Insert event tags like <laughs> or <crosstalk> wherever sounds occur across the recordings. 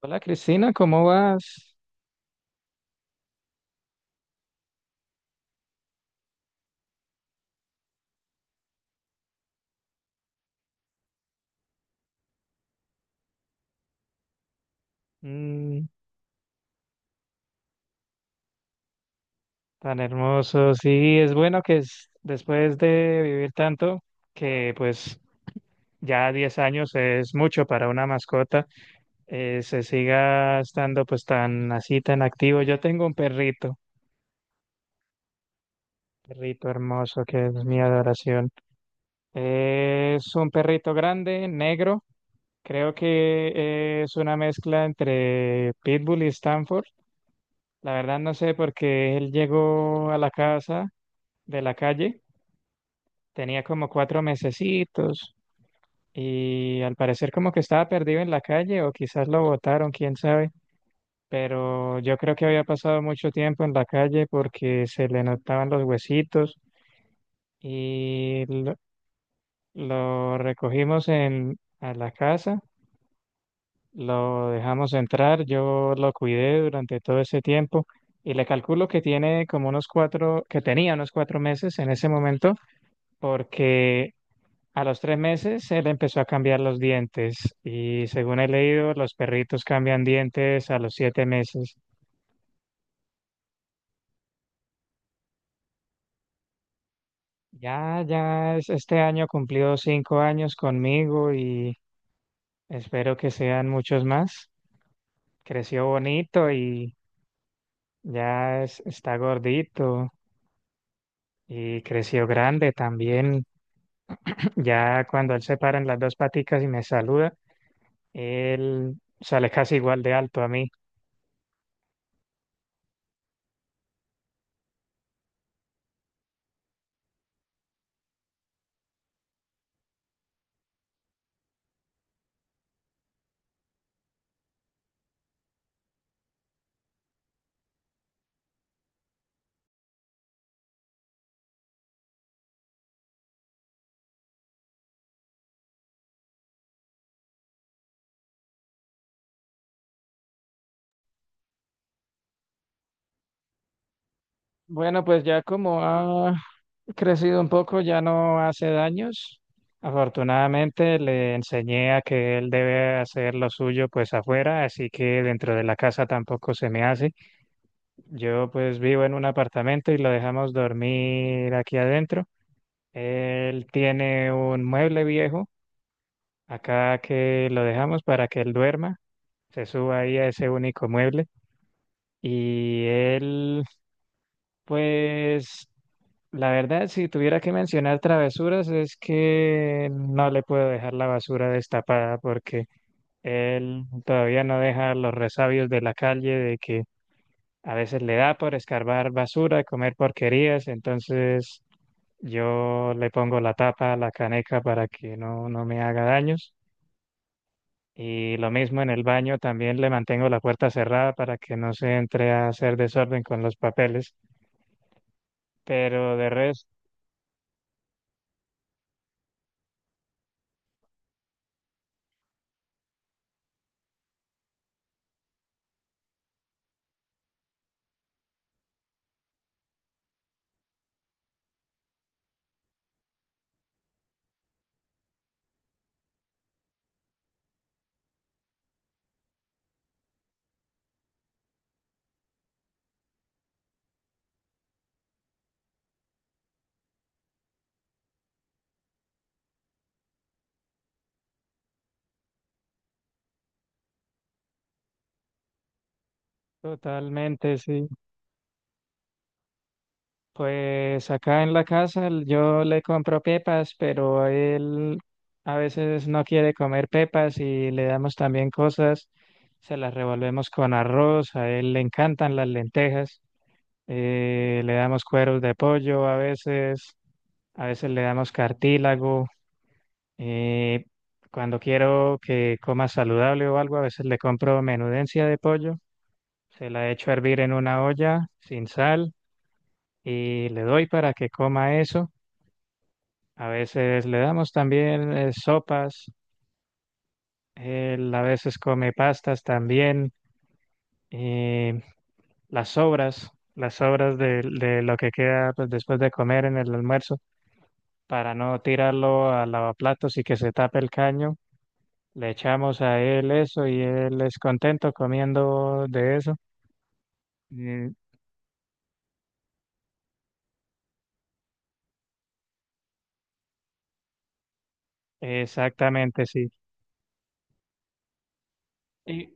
Hola Cristina, ¿cómo vas? Mm, tan hermoso. Sí, es bueno que después de vivir tanto, que pues ya 10 años es mucho para una mascota, se siga estando pues tan así, tan activo. Yo tengo un perrito, perrito hermoso que es mi adoración. Es un perrito grande, negro. Creo que es una mezcla entre Pitbull y Stanford. La verdad no sé porque él llegó a la casa de la calle, tenía como 4 mesecitos y al parecer como que estaba perdido en la calle o quizás lo botaron, quién sabe, pero yo creo que había pasado mucho tiempo en la calle porque se le notaban los huesitos y lo recogimos a la casa, lo dejamos entrar, yo lo cuidé durante todo ese tiempo. Y le calculo que tiene como unos cuatro, que tenía unos 4 meses en ese momento, porque a los 3 meses él empezó a cambiar los dientes y según he leído, los perritos cambian dientes a los 7 meses. Ya, este año cumplió 5 años conmigo y espero que sean muchos más. Creció bonito y ya está gordito y creció grande también. <clears throat> Ya cuando él se para en las dos paticas y me saluda, él sale casi igual de alto a mí. Bueno, pues ya como ha crecido un poco, ya no hace daños. Afortunadamente le enseñé a que él debe hacer lo suyo pues afuera, así que dentro de la casa tampoco se me hace. Yo pues vivo en un apartamento y lo dejamos dormir aquí adentro. Él tiene un mueble viejo acá que lo dejamos para que él duerma, se suba ahí a ese único mueble. Y él, pues la verdad, si tuviera que mencionar travesuras, es que no le puedo dejar la basura destapada porque él todavía no deja los resabios de la calle de que a veces le da por escarbar basura, comer porquerías, entonces yo le pongo la tapa a la caneca para que no me haga daños. Y lo mismo en el baño, también le mantengo la puerta cerrada para que no se entre a hacer desorden con los papeles. Pero de resto, totalmente, sí. Pues acá en la casa yo le compro pepas, pero él a veces no quiere comer pepas y le damos también cosas, se las revolvemos con arroz, a él le encantan las lentejas, le damos cueros de pollo a veces le damos cartílago, eh, cuando quiero que coma saludable o algo, a veces le compro menudencia de pollo, se la echo a hervir en una olla sin sal y le doy para que coma eso. A veces le damos también sopas, él a veces come pastas también, y las sobras, las sobras de lo que queda pues, después de comer en el almuerzo, para no tirarlo al lavaplatos y que se tape el caño. Le echamos a él eso y él es contento comiendo de eso. Mm. Exactamente, sí. Y,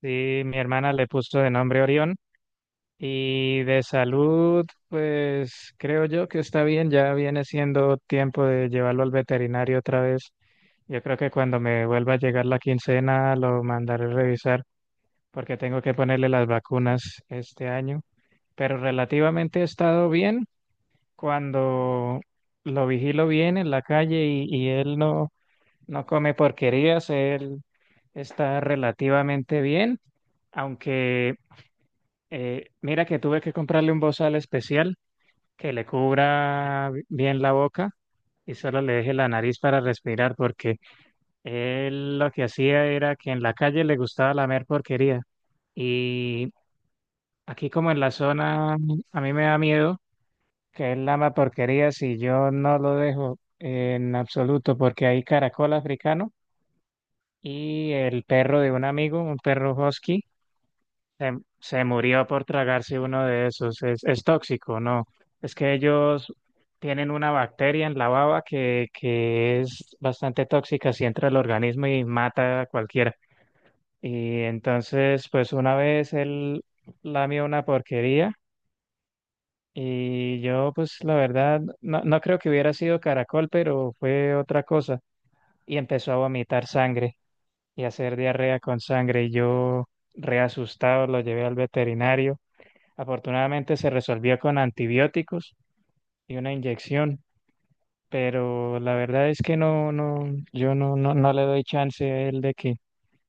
Sí, mi hermana le puso de nombre Orión. Y de salud, pues creo yo que está bien, ya viene siendo tiempo de llevarlo al veterinario otra vez. Yo creo que cuando me vuelva a llegar la quincena lo mandaré a revisar porque tengo que ponerle las vacunas este año. Pero relativamente he estado bien cuando lo vigilo bien en la calle y él no come porquerías, él está relativamente bien, aunque mira que tuve que comprarle un bozal especial que le cubra bien la boca y solo le deje la nariz para respirar, porque él lo que hacía era que en la calle le gustaba lamer porquería. Y aquí como en la zona, a mí me da miedo que él lama porquería si yo no lo dejo en absoluto, porque hay caracol africano y el perro de un amigo, un perro husky Se, se murió por tragarse uno de esos. Es tóxico, ¿no? Es que ellos tienen una bacteria en la baba que es bastante tóxica si entra al organismo y mata a cualquiera. Y entonces, pues una vez él lamió una porquería y yo, pues la verdad, no creo que hubiera sido caracol, pero fue otra cosa. Y empezó a vomitar sangre y a hacer diarrea con sangre. Y yo, reasustado, lo llevé al veterinario. Afortunadamente se resolvió con antibióticos y una inyección, pero la verdad es que no, yo no le doy chance a él de que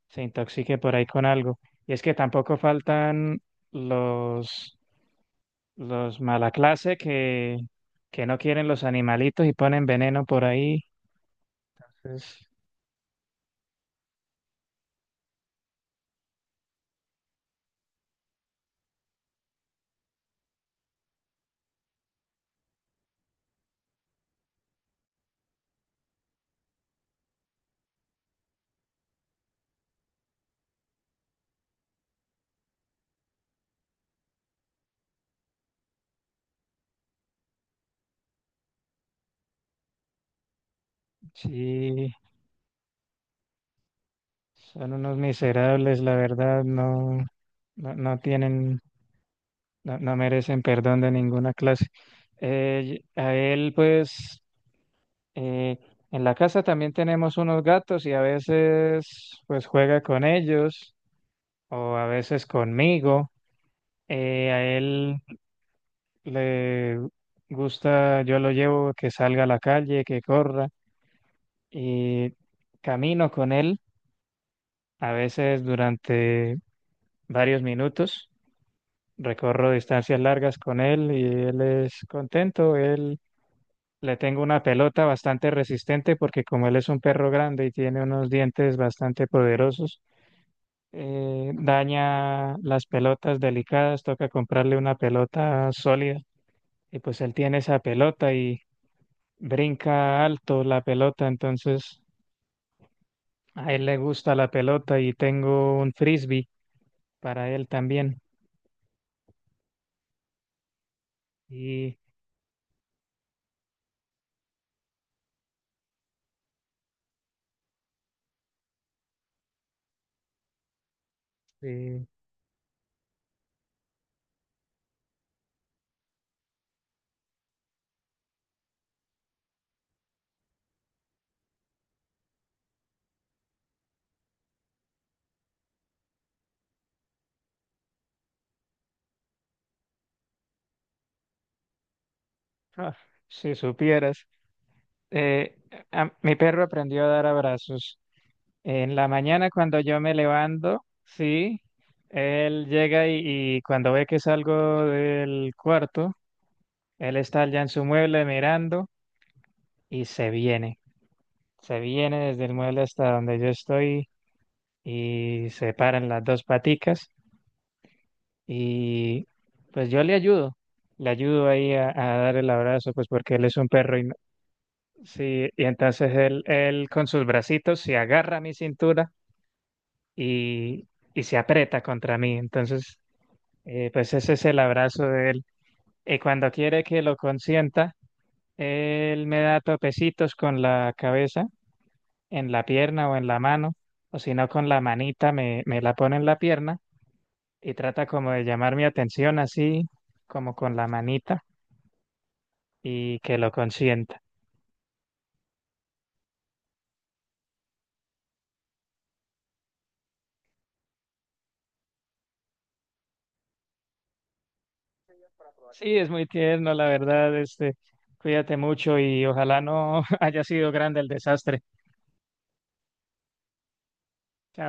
se intoxique por ahí con algo. Y es que tampoco faltan los, los mala clase que no quieren los animalitos y ponen veneno por ahí. Entonces, sí, son unos miserables, la verdad, no tienen, no merecen perdón de ninguna clase. A él, pues, eh, en la casa también tenemos unos gatos y a veces, pues, juega con ellos o a veces conmigo. A él le gusta, yo lo llevo que salga a la calle, que corra y camino con él, a veces durante varios minutos. Recorro distancias largas con él y él es contento, él. Le tengo una pelota bastante resistente porque como él es un perro grande y tiene unos dientes bastante poderosos, daña las pelotas delicadas, toca comprarle una pelota sólida y pues él tiene esa pelota y brinca alto la pelota, entonces a él le gusta la pelota y tengo un frisbee para él también. Y eh, ah, si supieras, eh, mi perro aprendió a dar abrazos. En la mañana cuando yo me levanto, sí, él llega y cuando ve que salgo del cuarto, él está allá en su mueble mirando y se viene. Se viene desde el mueble hasta donde yo estoy y se paran las dos paticas y pues yo le ayudo. Le ayudo ahí a dar el abrazo, pues porque él es un perro y sí, y entonces él con sus bracitos se agarra a mi cintura y, y se aprieta contra mí. Entonces, pues ese es el abrazo de él. Y cuando quiere que lo consienta, él me da topecitos con la cabeza, en la pierna o en la mano, o si no con la manita me la pone en la pierna y trata como de llamar mi atención así, como con la manita, y que lo consienta. Sí, es muy tierno, la verdad, este, cuídate mucho y ojalá no <laughs> haya sido grande el desastre. Chao.